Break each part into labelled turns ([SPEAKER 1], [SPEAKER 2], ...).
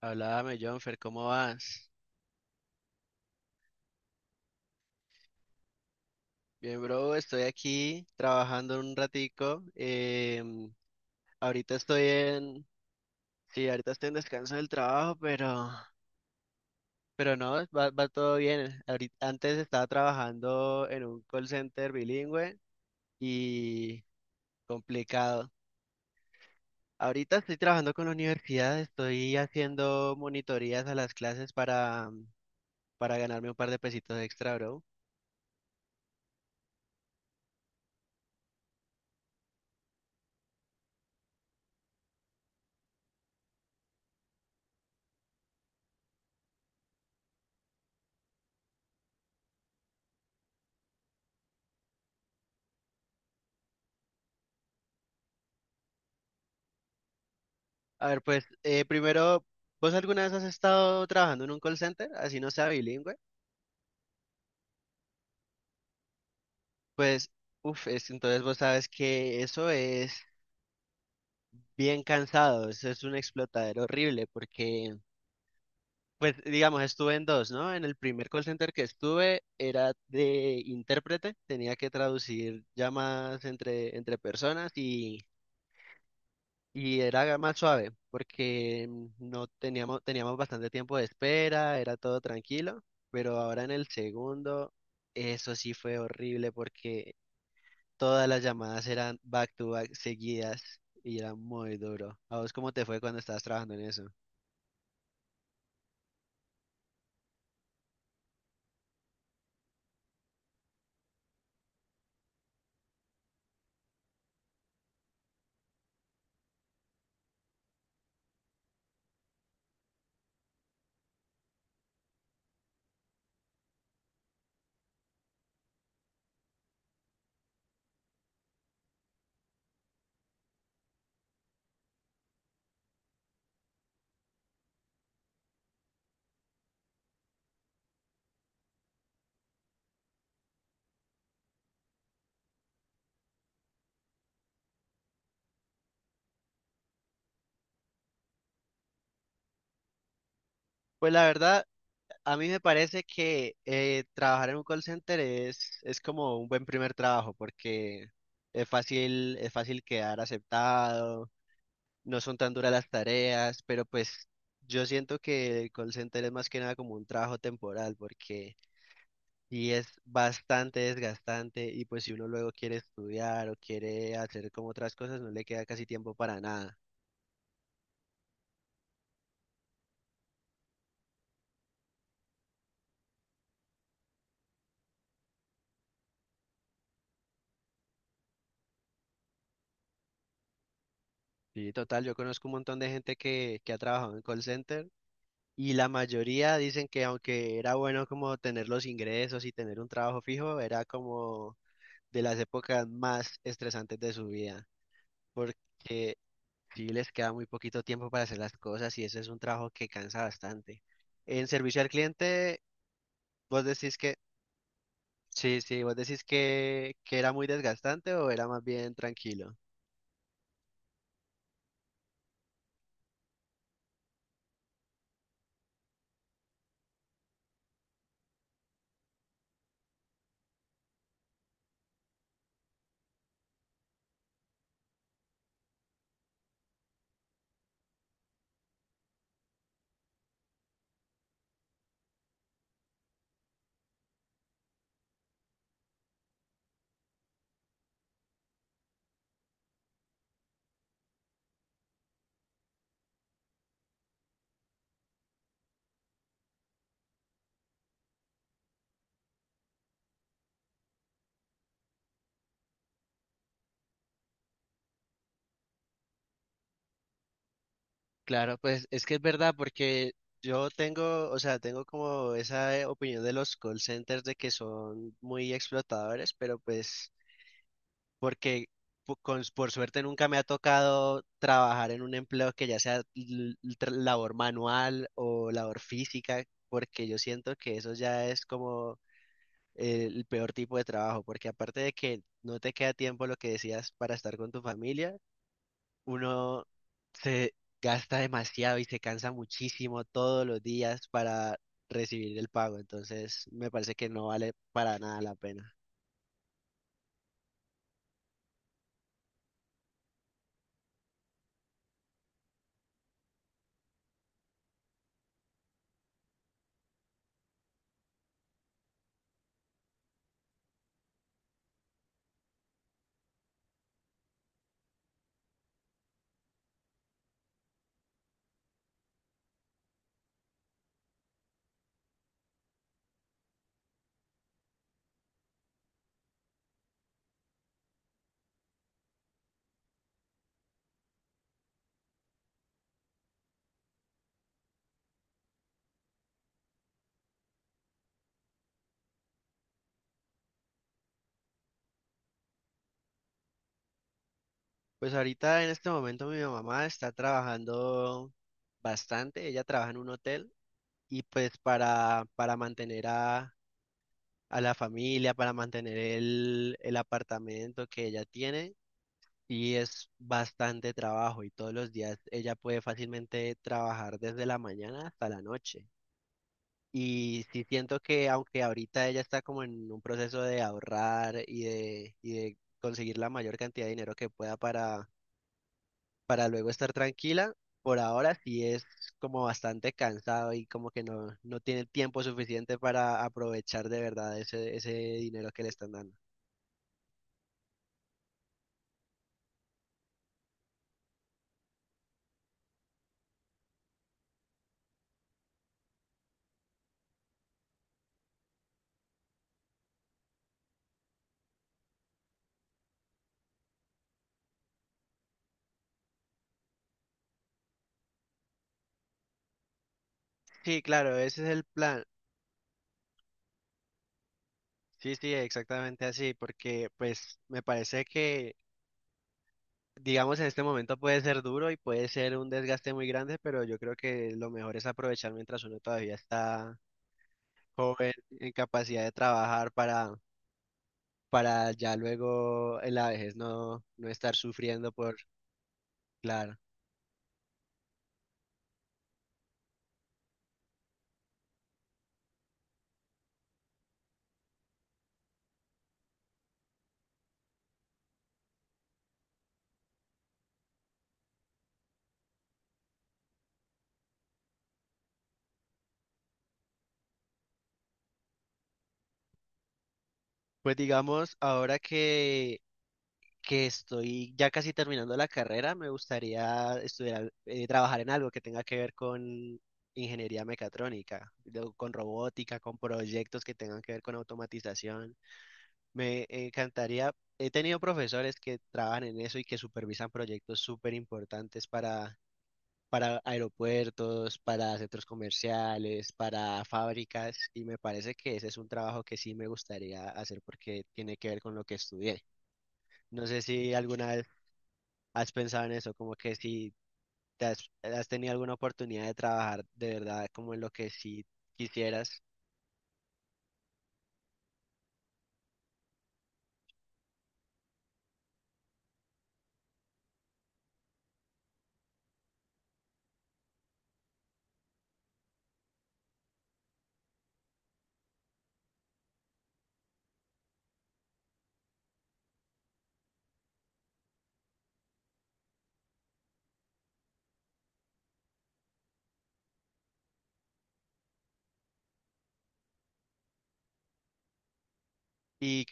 [SPEAKER 1] Háblame, Jonfer, ¿cómo vas? Bien, bro, estoy aquí trabajando un ratico. em, ahorita estoy en, sí, ahorita estoy en descanso del trabajo, pero no, va todo bien. Ahorita, antes estaba trabajando en un call center bilingüe y complicado. Ahorita estoy trabajando con la universidad, estoy haciendo monitorías a las clases para ganarme un par de pesitos extra, bro. A ver, pues primero, ¿vos alguna vez has estado trabajando en un call center, así no sea bilingüe? Pues, uff, entonces vos sabes que eso es bien cansado, eso es un explotadero horrible, porque, pues, digamos, estuve en dos, ¿no? En el primer call center que estuve era de intérprete, tenía que traducir llamadas entre personas y era más suave, porque no teníamos, teníamos bastante tiempo de espera, era todo tranquilo, pero ahora en el segundo, eso sí fue horrible porque todas las llamadas eran back to back seguidas y era muy duro. ¿A vos cómo te fue cuando estabas trabajando en eso? Pues la verdad, a mí me parece que trabajar en un call center es como un buen primer trabajo porque es fácil quedar aceptado, no son tan duras las tareas, pero pues yo siento que el call center es más que nada como un trabajo temporal, porque y es bastante desgastante, y pues si uno luego quiere estudiar o quiere hacer como otras cosas, no le queda casi tiempo para nada. Sí, total, yo conozco un montón de gente que ha trabajado en call center y la mayoría dicen que aunque era bueno como tener los ingresos y tener un trabajo fijo, era como de las épocas más estresantes de su vida, porque sí, les queda muy poquito tiempo para hacer las cosas y eso es un trabajo que cansa bastante. En servicio al cliente, vos decís que, sí, sí, vos decís que era muy desgastante o era más bien tranquilo. Claro, pues es que es verdad porque yo tengo, o sea, tengo como esa opinión de los call centers de que son muy explotadores, pero pues porque por suerte nunca me ha tocado trabajar en un empleo que ya sea labor manual o labor física, porque yo siento que eso ya es como el peor tipo de trabajo, porque aparte de que no te queda tiempo lo que decías para estar con tu familia, uno se gasta demasiado y se cansa muchísimo todos los días para recibir el pago, entonces me parece que no vale para nada la pena. Pues ahorita en este momento mi mamá está trabajando bastante, ella trabaja en un hotel y pues para mantener a la familia, para mantener el apartamento que ella tiene, y es bastante trabajo y todos los días ella puede fácilmente trabajar desde la mañana hasta la noche. Y sí siento que aunque ahorita ella está como en un proceso de ahorrar y de conseguir la mayor cantidad de dinero que pueda para luego estar tranquila. Por ahora sí es como bastante cansado y como que no, no tiene tiempo suficiente para aprovechar de verdad ese dinero que le están dando. Sí, claro, ese es el plan. Sí, sí, exactamente así, porque pues me parece que, digamos, en este momento puede ser duro y puede ser un desgaste muy grande, pero yo creo que lo mejor es aprovechar mientras uno todavía está joven, en capacidad de trabajar para ya luego en la vejez no, no estar sufriendo por, claro. Pues digamos, ahora que estoy ya casi terminando la carrera, me gustaría trabajar en algo que tenga que ver con ingeniería mecatrónica, con robótica, con proyectos que tengan que ver con automatización. Me encantaría, he tenido profesores que trabajan en eso y que supervisan proyectos súper importantes para aeropuertos, para centros comerciales, para fábricas, y me parece que ese es un trabajo que sí me gustaría hacer porque tiene que ver con lo que estudié. No sé si alguna vez has pensado en eso, como que si has tenido alguna oportunidad de trabajar de verdad como en lo que sí quisieras. Y,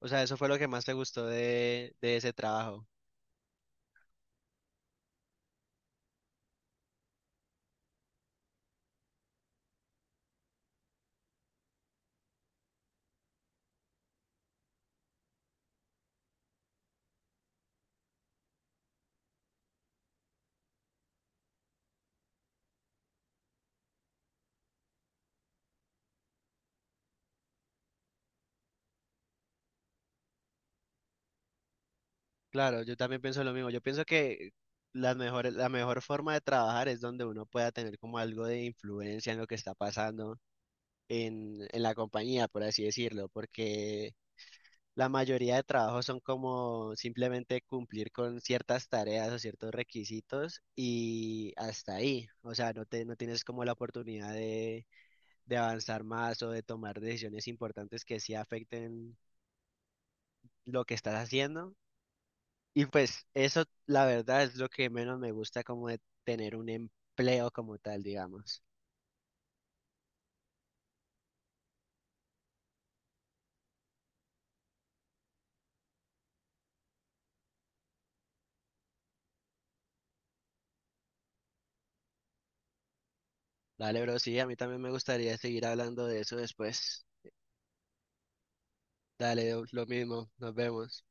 [SPEAKER 1] o sea, eso fue lo que más te gustó de ese trabajo. Claro, yo también pienso lo mismo. Yo pienso que la mejor forma de trabajar es donde uno pueda tener como algo de influencia en lo que está pasando en la compañía, por así decirlo, porque la mayoría de trabajos son como simplemente cumplir con ciertas tareas o ciertos requisitos y hasta ahí. O sea, no tienes como la oportunidad de avanzar más o de tomar decisiones importantes que sí afecten lo que estás haciendo. Y pues eso, la verdad, es lo que menos me gusta como de tener un empleo como tal, digamos. Dale, bro, sí, a mí también me gustaría seguir hablando de eso después. Dale, lo mismo, nos vemos.